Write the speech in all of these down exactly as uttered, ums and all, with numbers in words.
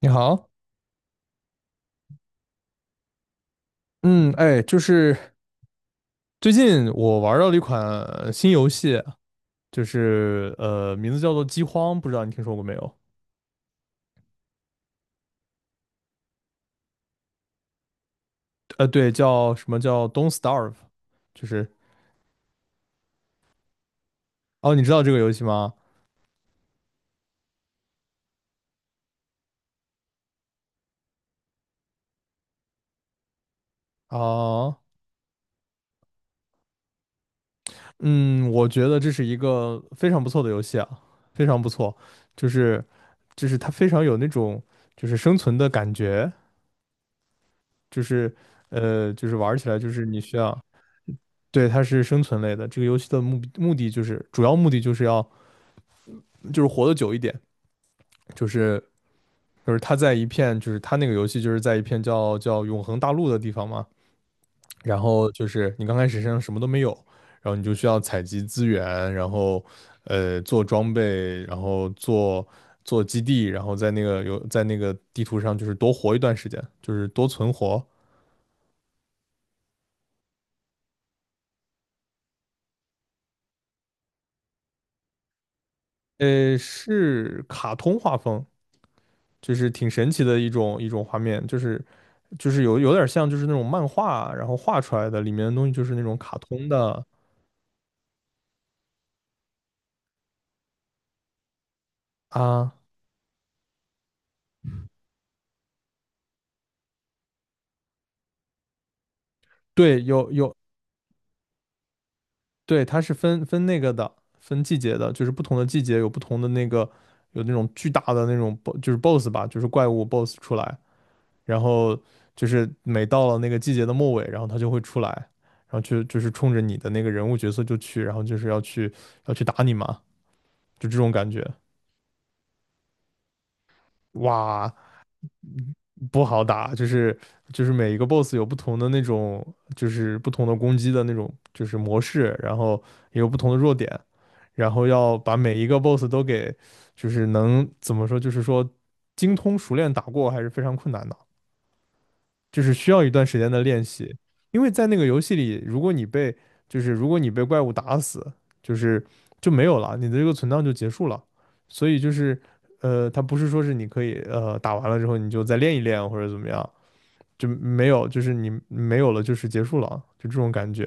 你好，嗯，哎，就是最近我玩到了一款新游戏，就是呃，名字叫做《饥荒》，不知道你听说过没有？呃，对，叫什么叫 Don't Starve，就是哦，你知道这个游戏吗？啊，嗯，我觉得这是一个非常不错的游戏啊，非常不错，就是就是它非常有那种就是生存的感觉，就是呃，就是玩起来就是你需要。对，它是生存类的。这个游戏的目目的就是，主要目的就是要就是活得久一点，就是就是他在一片就是他那个游戏就是在一片叫叫永恒大陆的地方嘛，然后就是你刚开始身上什么都没有，然后你就需要采集资源，然后呃做装备，然后做做基地，然后在那个有在那个地图上就是多活一段时间，就是多存活。呃，是卡通画风，就是挺神奇的一种一种画面，就是就是有有点像就是那种漫画，然后画出来的里面的东西就是那种卡通的，啊，对，有有，对，它是分分那个的，分季节的，就是不同的季节有不同的那个，有那种巨大的那种 bo- 就是 BOSS 吧，就是怪物 BOSS 出来，然后就是每到了那个季节的末尾，然后它就会出来，然后就就是冲着你的那个人物角色就去，然后就是要去要去打你嘛，就这种感觉。哇，不好打，就是就是每一个 boss 有不同的那种，就是不同的攻击的那种，就是模式，然后也有不同的弱点，然后要把每一个 boss 都给，就是能怎么说，就是说精通熟练打过还是非常困难的，就是需要一段时间的练习，因为在那个游戏里，如果你被就是如果你被怪物打死，就是就没有了，你的这个存档就结束了，所以就是。呃，它不是说是你可以呃打完了之后你就再练一练或者怎么样，就没有，就是你没有了，就是结束了，就这种感觉。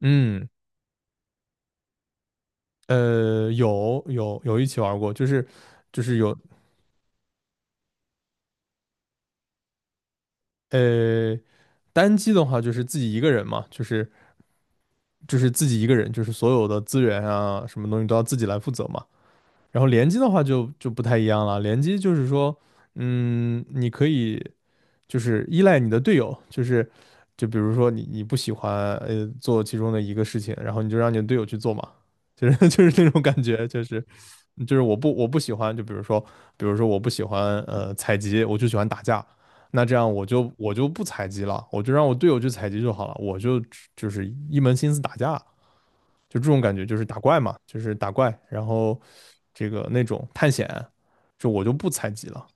嗯，呃，有有有一起玩过，就是就是有呃单机的话，就是自己一个人嘛，就是就是自己一个人，就是所有的资源啊，什么东西都要自己来负责嘛。然后联机的话就就不太一样了，联机就是说，嗯，你可以就是依赖你的队友，就是就比如说你你不喜欢呃做其中的一个事情，然后你就让你的队友去做嘛。就是 就是那种感觉，就是就是我不我不喜欢，就比如说，比如说我不喜欢呃采集，我就喜欢打架，那这样我就我就不采集了，我就让我队友去采集就好了，我就就是一门心思打架，就这种感觉，就是打怪嘛，就是打怪，然后这个那种探险，就我就不采集了。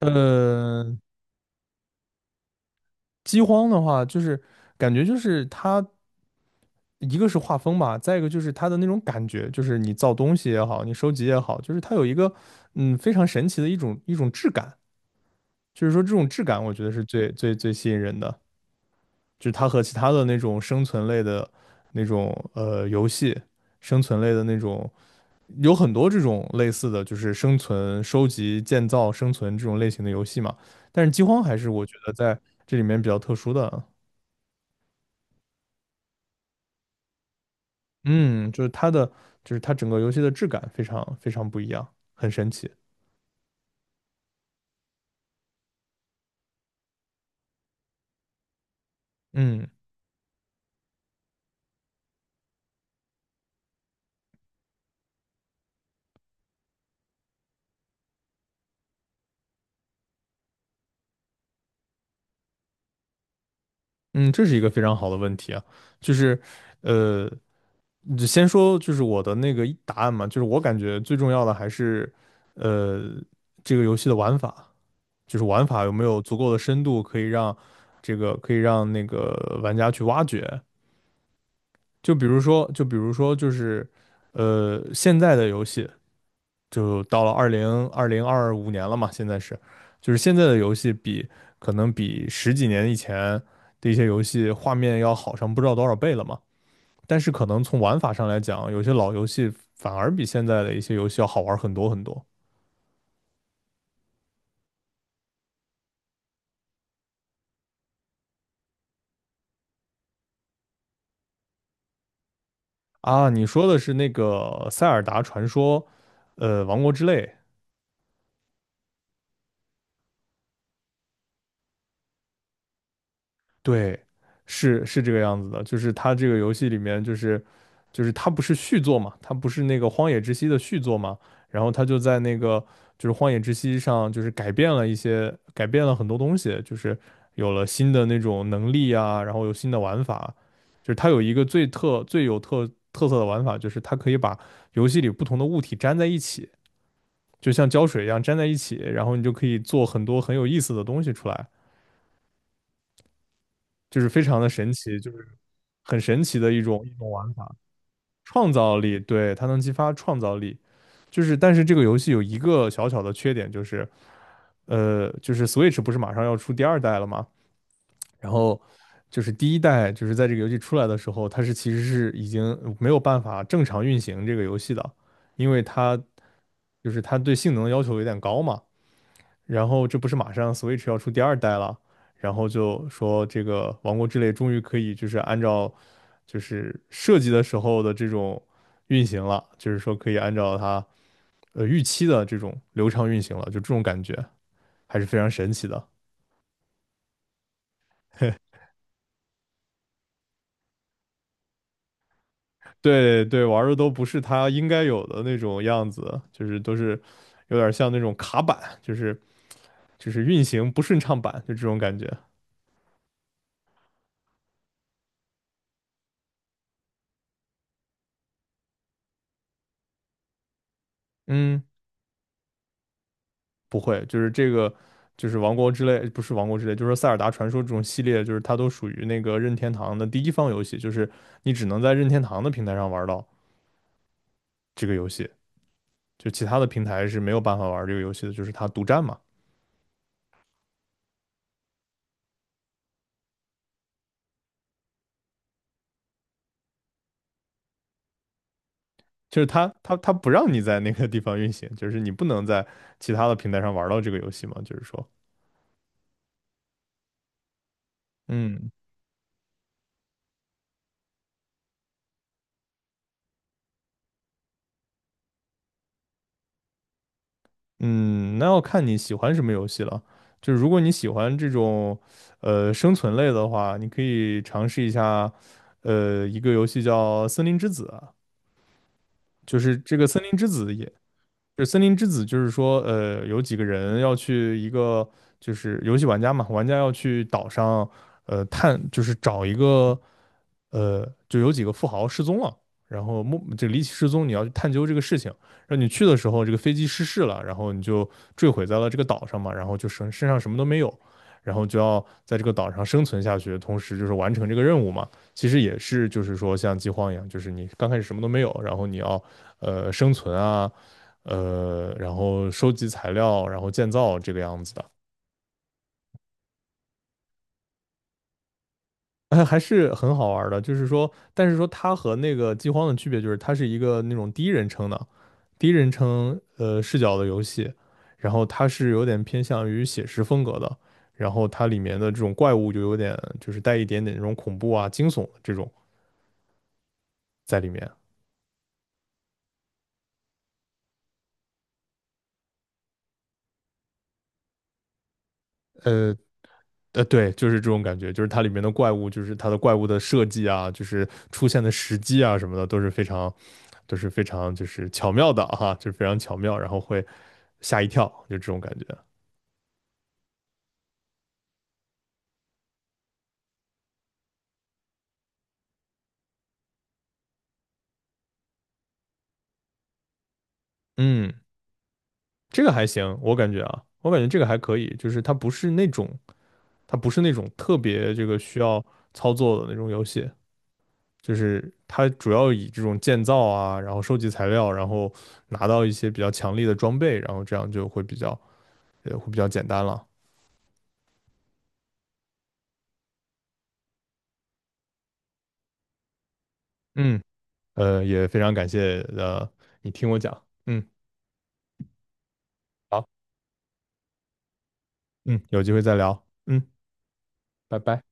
呃，饥荒的话，就是感觉就是它一个是画风吧，再一个就是它的那种感觉，就是你造东西也好，你收集也好，就是它有一个嗯非常神奇的一种一种质感。就是说这种质感，我觉得是最最最吸引人的，就是它和其他的那种生存类的那种呃游戏，生存类的那种有很多这种类似的，就是生存、收集、建造、生存这种类型的游戏嘛。但是饥荒还是我觉得在这里面比较特殊的，嗯，就是它的就是它整个游戏的质感非常非常不一样，很神奇。嗯嗯，这是一个非常好的问题啊，就是，呃，就先说就是我的那个答案嘛，就是我感觉最重要的还是，呃，这个游戏的玩法，就是玩法有没有足够的深度，可以让这个可以让那个玩家去挖掘。就比如说，就比如说就是，呃，现在的游戏就到了二零二零二五年了嘛，现在是，就是现在的游戏比可能比十几年以前的一些游戏画面要好上不知道多少倍了嘛。但是可能从玩法上来讲，有些老游戏反而比现在的一些游戏要好玩很多很多啊。你说的是那个《塞尔达传说》，呃，《王国之泪》对，是是这个样子的，就是它这个游戏里面，就是就是它不是续作嘛，它不是那个《荒野之息》的续作嘛，然后它就在那个就是《荒野之息》上，就是改变了一些，改变了很多东西，就是有了新的那种能力啊，然后有新的玩法，就是它有一个最特最有特特色的玩法，就是它可以把游戏里不同的物体粘在一起，就像胶水一样粘在一起，然后你就可以做很多很有意思的东西出来。就是非常的神奇，就是很神奇的一种一种玩法，创造力，对，它能激发创造力。就是但是这个游戏有一个小小的缺点，就是呃，就是 Switch 不是马上要出第二代了吗？然后就是第一代，就是在这个游戏出来的时候，它是其实是已经没有办法正常运行这个游戏的，因为它就是它对性能要求有点高嘛。然后这不是马上 Switch 要出第二代了，然后就说这个《王国之泪》终于可以就是按照就是设计的时候的这种运行了，就是说可以按照它呃预期的这种流畅运行了，就这种感觉还是非常神奇的。对对，玩儿的都不是它应该有的那种样子，就是都是有点像那种卡板，就是就是运行不顺畅版，就这种感觉。嗯。不会，就是这个，就是王国之泪，不是王国之泪，就是说塞尔达传说这种系列，就是它都属于那个任天堂的第一方游戏，就是你只能在任天堂的平台上玩到这个游戏，就其他的平台是没有办法玩这个游戏的，就是它独占嘛，就是它它它不让你在那个地方运行，就是你不能在其他的平台上玩到这个游戏嘛，就是说，嗯，嗯，那要看你喜欢什么游戏了。就是如果你喜欢这种，呃，生存类的话，你可以尝试一下，呃，一个游戏叫《森林之子》啊就是这个《森林之子》也，就是森林之子》，就是说，呃，有几个人要去一个，就是游戏玩家嘛，玩家要去岛上，呃，探，就是找一个呃，就有几个富豪失踪了，然后莫这离奇失踪，你要去探究这个事情。然后你去的时候，这个飞机失事了，然后你就坠毁在了这个岛上嘛，然后就身身上什么都没有，然后就要在这个岛上生存下去，同时就是完成这个任务嘛。其实也是就是说像饥荒一样，就是你刚开始什么都没有，然后你要呃生存啊，呃，然后收集材料，然后建造这个样子的。还是很好玩儿的，就是说，但是说它和那个饥荒的区别就是，它是一个那种第一人称的第一人称呃视角的游戏，然后它是有点偏向于写实风格的，然后它里面的这种怪物就有点就是带一点点那种恐怖啊、惊悚的这种在里面，呃呃，对，就是这种感觉，就是它里面的怪物，就是它的怪物的设计啊，就是出现的时机啊什么的都是非常，都是非常就是巧妙的哈、就是非常巧妙，然后会吓一跳，就这种感觉。嗯，这个还行，我感觉啊，我感觉这个还可以，就是它不是那种，它不是那种特别这个需要操作的那种游戏，就是它主要以这种建造啊，然后收集材料，然后拿到一些比较强力的装备，然后这样就会比较，呃，会比较简单了。嗯，呃，也非常感谢呃你听我讲，嗯，好，嗯，有机会再聊，嗯，拜拜。